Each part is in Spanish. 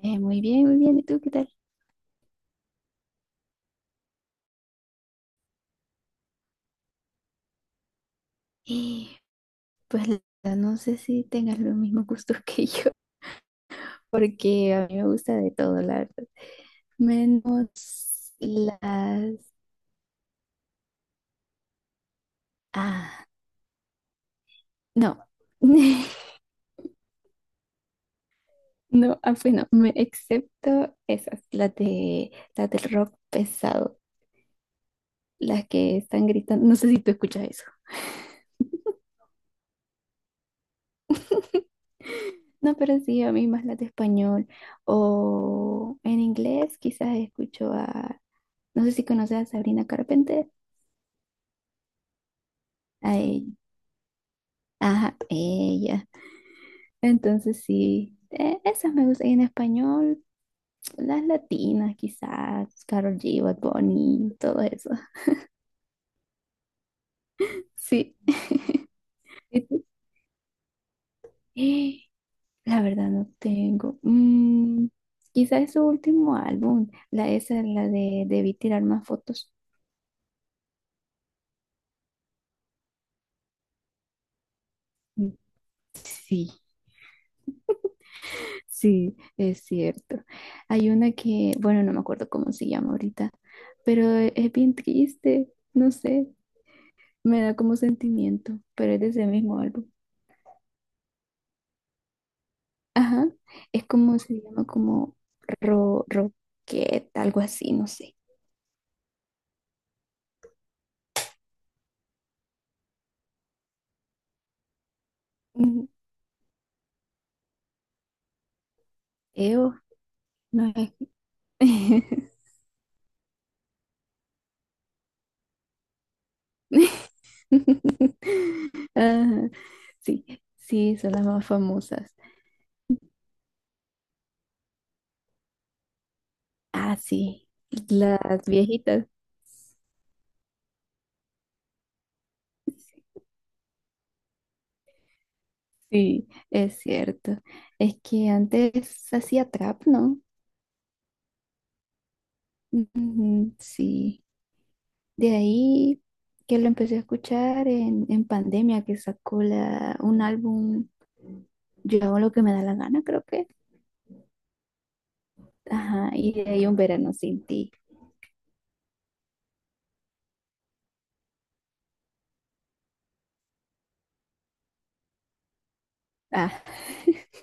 Muy bien, muy bien. ¿Y tú qué tal? Eh, pues la verdad, no sé si tengas los mismos gustos que yo, porque a mí me gusta de todo, la verdad. Menos las... Ah, no. No, ah, pues no, me, excepto esas, las de, las del rock pesado, las que están gritando. No sé si tú escuchas eso. No, pero sí, a mí más las de español o en inglés, quizás escucho a, no sé si conoces a Sabrina Carpenter, a ajá, ella. Entonces sí, esas me gustan y en español, las latinas quizás, Karol G, Bad Bunny, todo eso. Sí. ¿Y tú? La verdad no tengo. Quizás su último álbum, la esa, la de Debí tirar más fotos. Mm, sí, sí, es cierto. Hay una que, bueno, no me acuerdo cómo se llama ahorita, pero es bien triste, no sé. Me da como sentimiento, pero es de ese mismo álbum. Ajá, es como se llama como roquette, algo así, no sé. Ujú. Eo, no es. Ajá, sí, sí, son las más famosas. Ah, sí, las viejitas. Sí, es cierto. Es que antes hacía trap, ¿no? Ujú, sí. De ahí que lo empecé a escuchar en pandemia, que sacó la, un álbum, yo hago lo que me da la gana, creo que. Ajá, y de ahí un verano sin ti. Ah,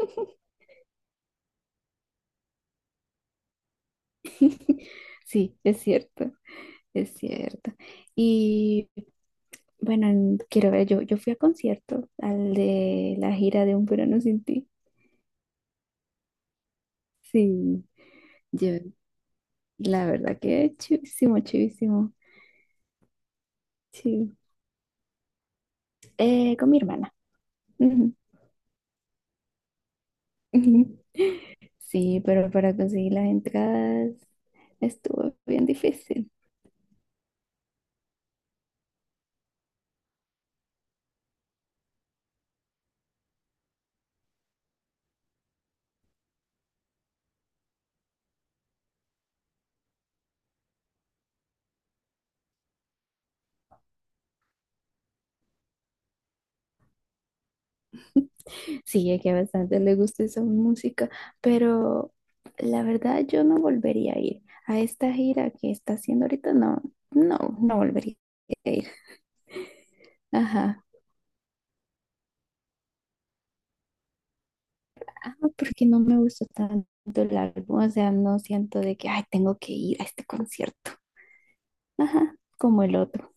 sí, es cierto, es cierto. Y bueno, en- quiero ver, yo fui a concierto, al de la gira de Un verano sin ti. Sí, yo, la verdad que chivísimo, chivísimo, sí. Con mi hermana. Ujú. Sí, pero para conseguir las entradas estuvo bien difícil. Sí, es que a bastante le gusta esa música, pero la verdad yo no volvería a ir a esta gira que está haciendo ahorita. No, no, no volvería a ir. Ajá. Ah, porque no me gustó tanto el álbum, o sea, no siento de que, ay, tengo que ir a este concierto. Ajá, como el otro.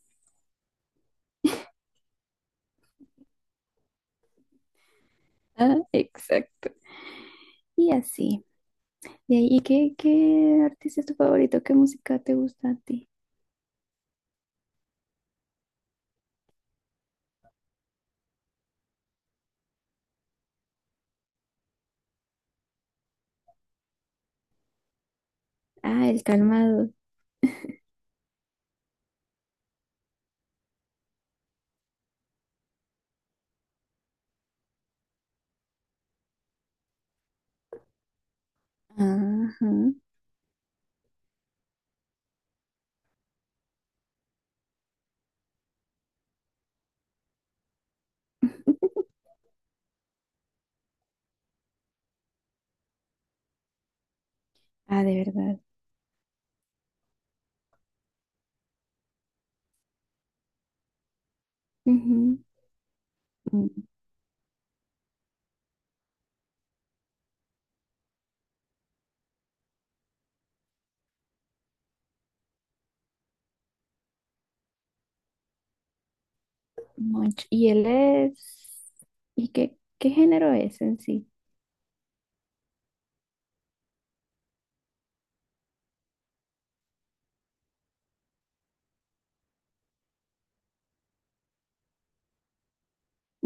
Ah, exacto. Y así. ¿Y ahí qué, qué artista es tu favorito? ¿Qué música te gusta a ti? Ah, el calmado. Ajá. Ah, de verdad. Ujú. Mm, Monch. Y él es... ¿Y qué, qué género es en sí?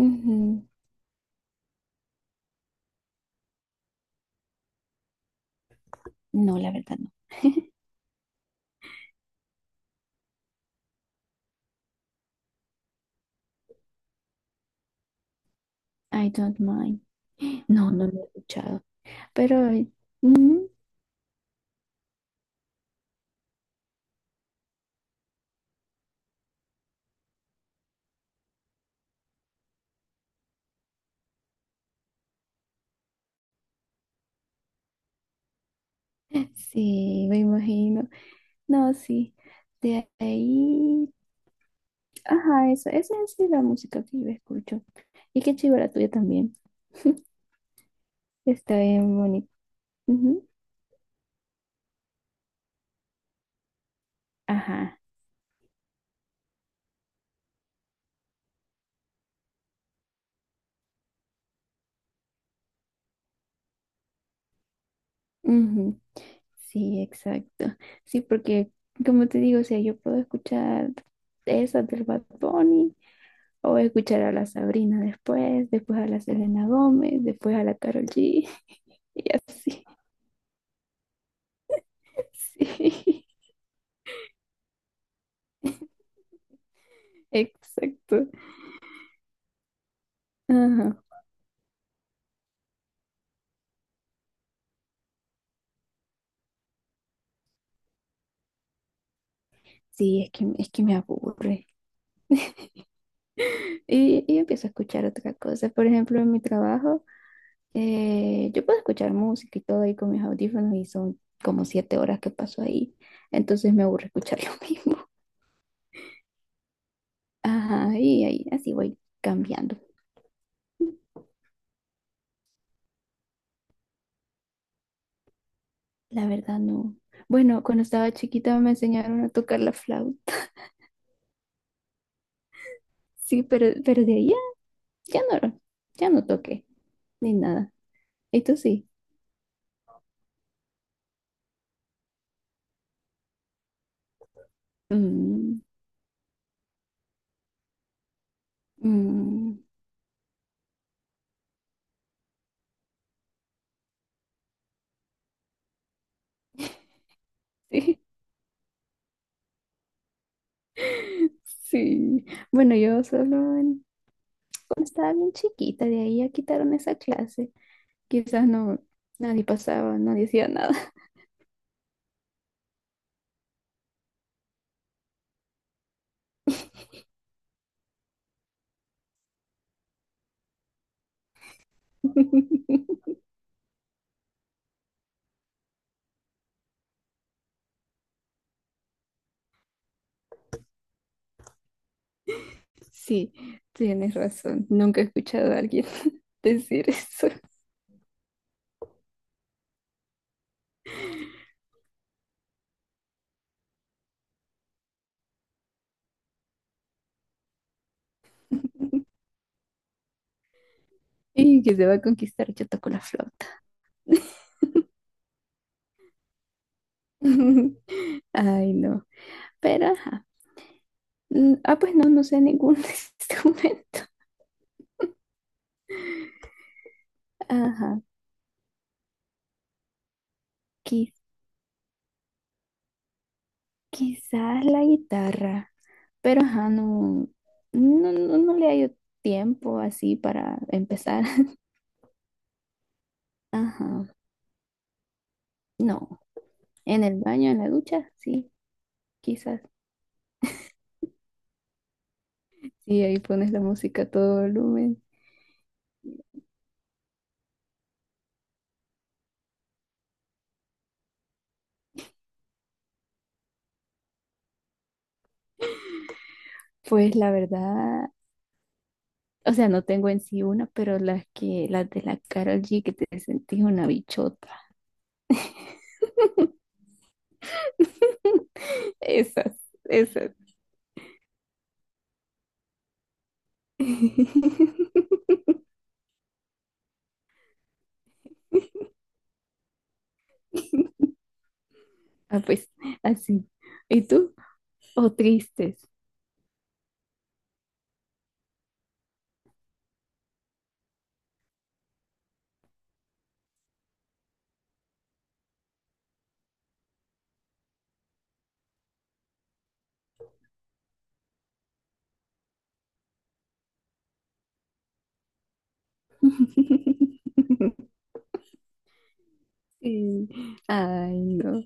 Ujú. No, la verdad no. I don't mind. No, no lo he escuchado. Pero ujú, sí, me imagino. No, sí. De ahí. Ajá, eso. Esa es la música que yo escucho. Y qué chiva la tuya también. Está bien bonito. Ujú, ajá. Ujú, sí, exacto. Sí, porque como te digo, o sea, yo puedo escuchar esas del Bad Bunny o escuchar a la Sabrina después, después a la Selena Gómez, después a la Karol G. Sí, sí, exacto. Ajá. Sí, es que me aburre. Y empiezo a escuchar otra cosa. Por ejemplo, en mi trabajo, yo puedo escuchar música y todo ahí con mis audífonos y son como 7 horas que paso ahí. Entonces me aburre escuchar lo mismo. Ajá, y ahí así voy cambiando. La verdad no. Bueno, cuando estaba chiquita me enseñaron a tocar la flauta. Sí, pero de ahí ya, ya no, ya no toqué ni nada. Esto sí. Mm, mm, sí, sí. Bueno, yo solo en- cuando estaba bien chiquita, de ahí ya quitaron esa clase. Quizás no, nadie pasaba, nadie hacía nada. Sí, tienes razón. Nunca he escuchado a alguien decir eso. Y que se va a conquistar yo toco la flauta. Ay, no. Pero, ajá. Mm, ah, pues no, no sé ningún instrumento. Ajá. Qui- quizás la guitarra. Pero, ajá, no, no, no le hallo tiempo así para empezar. Ajá. No. En el baño, en la ducha, sí, quizás. Sí, ahí pones la música a todo volumen. Pues la verdad, o sea, no tengo en sí una, pero las que, las de la Karol G que te sentís una bichota. Esas, esas. Ah, pues, así. ¿Y tú? ¿O tristes? Sí. Ay, no.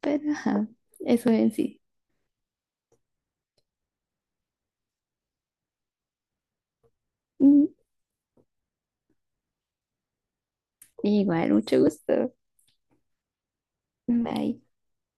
Pero ajá, eso en sí. Mm, igual, mucho gusto. Bye.